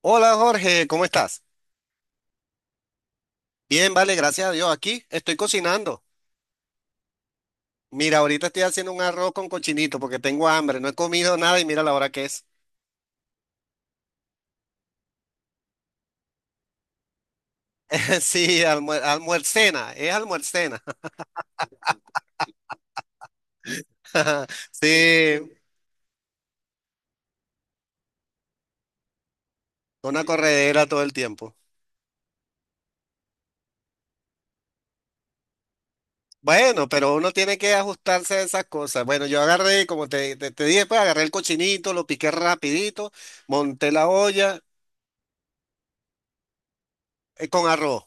Hola Jorge, ¿cómo estás? Bien, vale, gracias a Dios. Aquí estoy cocinando. Mira, ahorita estoy haciendo un arroz con cochinito porque tengo hambre, no he comido nada y mira la hora que es. Sí, almuercena, es almuercena. Sí, una corredera todo el tiempo. Bueno, pero uno tiene que ajustarse a esas cosas. Bueno, yo agarré, como te dije, pues agarré el cochinito, lo piqué rapidito, monté la olla con arroz.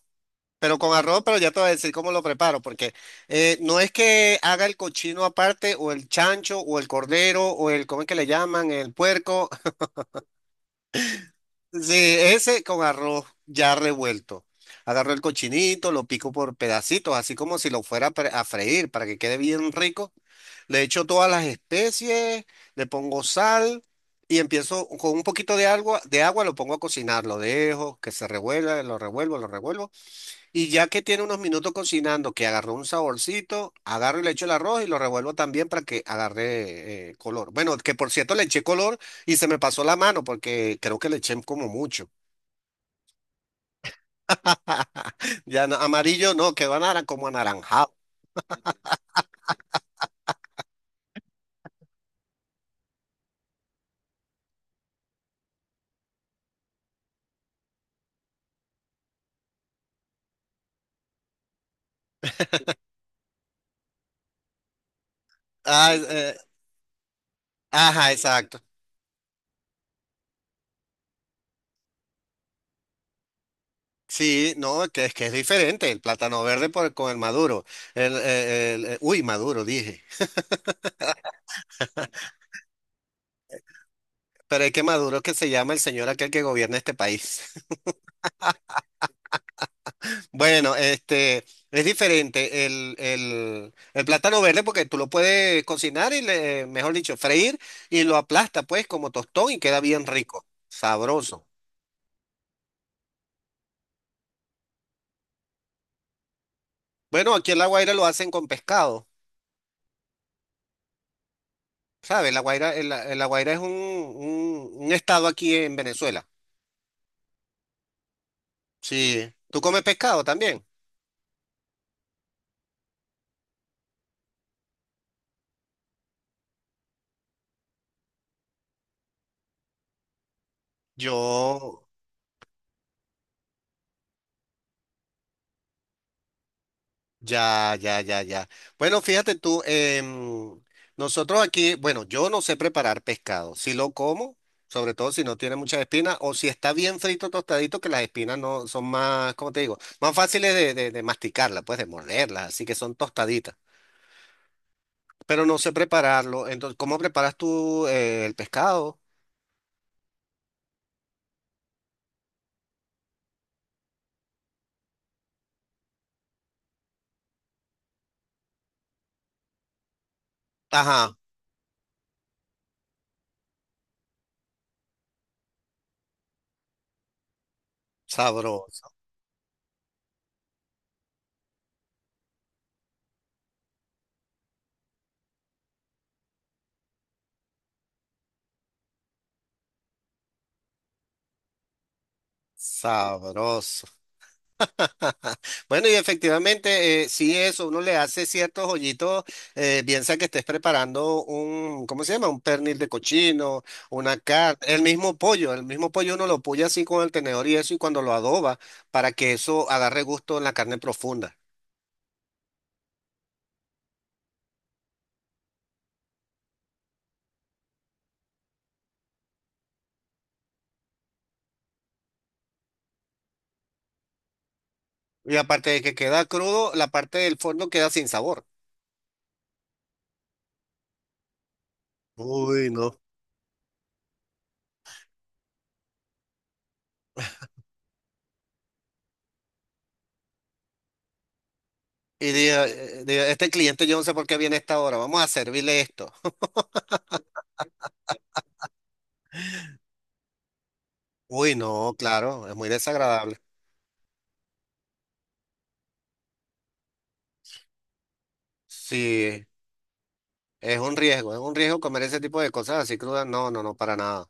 Pero con arroz, pero ya te voy a decir cómo lo preparo, porque no es que haga el cochino aparte, o el chancho, o el cordero, o el, ¿cómo es que le llaman? El puerco. Sí, ese con arroz ya revuelto. Agarro el cochinito, lo pico por pedacitos, así como si lo fuera a a freír para que quede bien rico. Le echo todas las especies, le pongo sal y empiezo con un poquito de agua lo pongo a cocinar, lo dejo que se revuelva, lo revuelvo, lo revuelvo. Y ya que tiene unos minutos cocinando, que agarró un saborcito, agarro y le echo el arroz y lo revuelvo también para que agarre color. Bueno, que por cierto le eché color y se me pasó la mano porque creo que le eché como mucho. Ya amarillo no, quedó como anaranjado. Ah, ajá, exacto. Sí, no, que es diferente el plátano verde con el maduro. Uy, maduro, dije. Pero es que maduro es que se llama el señor aquel que gobierna este país. Bueno, este es diferente el plátano verde porque tú lo puedes cocinar y le, mejor dicho, freír y lo aplasta pues como tostón y queda bien rico, sabroso. Bueno, aquí en La Guaira lo hacen con pescado, ¿sabes? La Guaira, la La Guaira es un estado aquí en Venezuela. Sí. ¿Tú comes pescado también? Yo, ya, ya, ya, ya. Bueno, fíjate tú, nosotros aquí, bueno, yo no sé preparar pescado. Si lo como, sobre todo si no tiene muchas espinas, o si está bien frito, tostadito, que las espinas no son más, ¿cómo te digo? Más fáciles de masticarlas, pues de morderlas, así que son tostaditas. Pero no sé prepararlo. Entonces, ¿cómo preparas tú el pescado? Ajá, sabroso, sabroso. Bueno, y efectivamente, sí, eso, uno le hace ciertos hoyitos, piensa que estés preparando un, ¿cómo se llama? Un pernil de cochino, una carne, el mismo pollo uno lo puya así con el tenedor y eso, y cuando lo adoba, para que eso agarre gusto en la carne profunda. Y aparte de que queda crudo, la parte del fondo queda sin sabor. Uy, no. Y diga dije, este cliente yo no sé por qué viene a esta hora, vamos a servirle esto. Uy, no, claro, es muy desagradable. Sí. Es un riesgo comer ese tipo de cosas así crudas. No, no, no, para nada.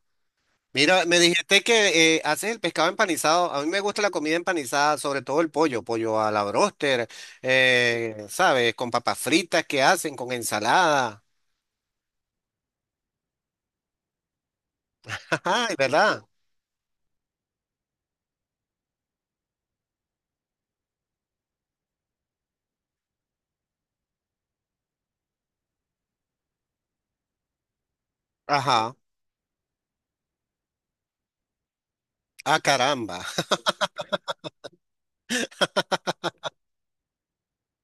Mira, me dijiste que haces el pescado empanizado. A mí me gusta la comida empanizada, sobre todo el pollo, pollo a la bróster, ¿sabes? Con papas fritas que hacen, con ensalada. Ay, ¿verdad? Ajá. Ah, caramba.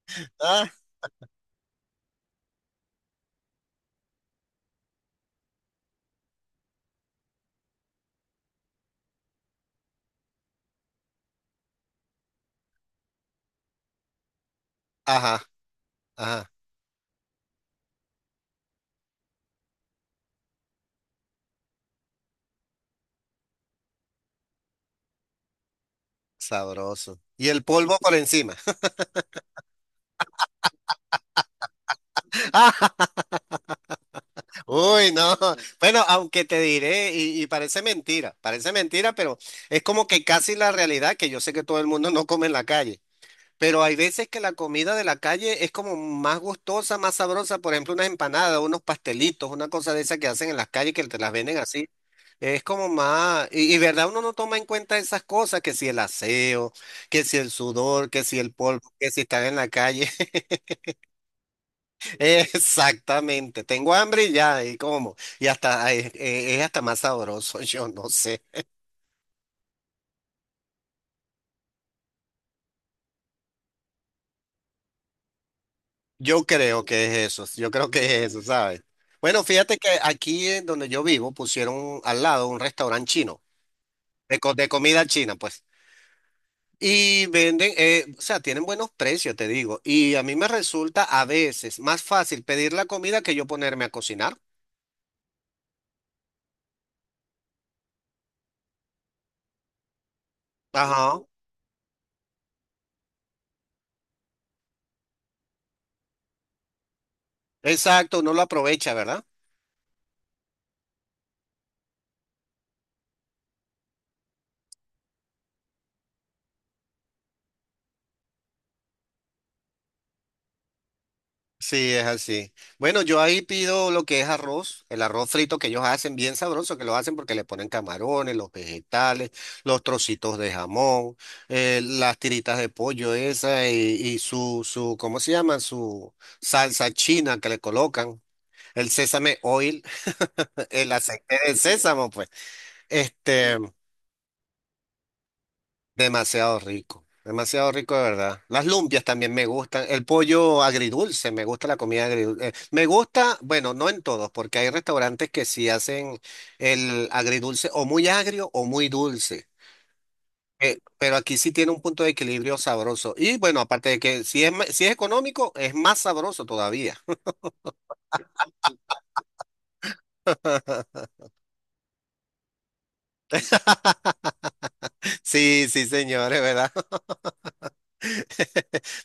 Ah, ajá, ajá. Sabroso. Y el polvo por encima. Uy, no. Bueno, aunque te diré, y parece mentira, pero es como que casi la realidad, que yo sé que todo el mundo no come en la calle, pero hay veces que la comida de la calle es como más gustosa, más sabrosa, por ejemplo, unas empanadas, unos pastelitos, una cosa de esas que hacen en las calles que te las venden así. Es como más, y verdad, uno no toma en cuenta esas cosas, que si el aseo, que si el sudor, que si el polvo, que si están en la calle. Exactamente, tengo hambre y ya, y como, y hasta hasta más sabroso, yo no sé. Yo creo que es eso, yo creo que es eso, ¿sabes? Bueno, fíjate que aquí en donde yo vivo pusieron al lado un restaurante chino, de comida china, pues. Y venden, o sea, tienen buenos precios, te digo. Y a mí me resulta a veces más fácil pedir la comida que yo ponerme a cocinar. Ajá, exacto, uno lo aprovecha, ¿verdad? Sí, es así. Bueno, yo ahí pido lo que es arroz, el arroz frito que ellos hacen, bien sabroso, que lo hacen porque le ponen camarones, los vegetales, los trocitos de jamón, las tiritas de pollo esa y, y su, ¿cómo se llama? Su salsa china que le colocan, el sésame oil, el aceite de sésamo, pues. Este. Demasiado rico de verdad. Las lumpias también me gustan, el pollo agridulce, me gusta la comida agridulce. Me gusta, bueno, no en todos, porque hay restaurantes que sí hacen el agridulce o muy agrio o muy dulce. Pero aquí sí tiene un punto de equilibrio sabroso. Y bueno, aparte de que si es, si es económico, es más sabroso todavía. Sí, sí, señores, ¿verdad?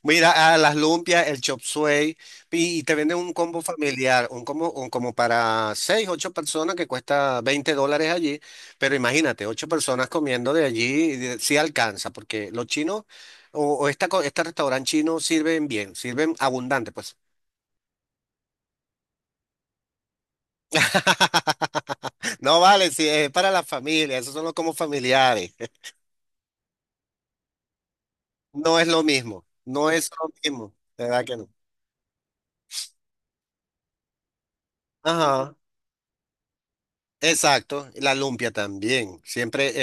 Mira, a las lumpias, el chop suey, y te venden un combo familiar, un combo un como para seis, ocho personas que cuesta $20 allí, pero imagínate, ocho personas comiendo de allí, sí alcanza, porque los chinos o este restaurante chino sirven bien, sirven abundante, pues. No vale, si es para la familia, esos son los combos familiares. No es lo mismo, no es lo mismo, de verdad que no. Ajá. Exacto, la lumpia también. Siempre, eh,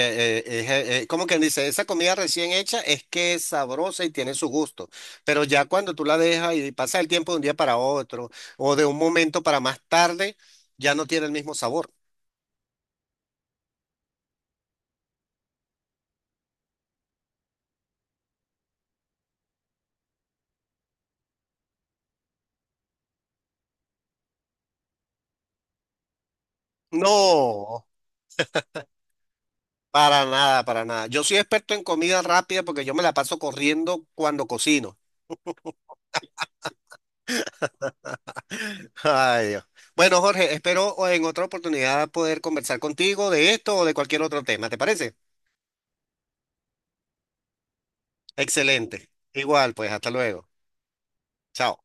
eh, es, eh, eh, como quien dice, esa comida recién hecha es que es sabrosa y tiene su gusto, pero ya cuando tú la dejas y pasa el tiempo de un día para otro o de un momento para más tarde, ya no tiene el mismo sabor. No, para nada, para nada. Yo soy experto en comida rápida porque yo me la paso corriendo cuando cocino. Ay, Dios. Bueno, Jorge, espero en otra oportunidad poder conversar contigo de esto o de cualquier otro tema, ¿te parece? Excelente. Igual, pues, hasta luego. Chao.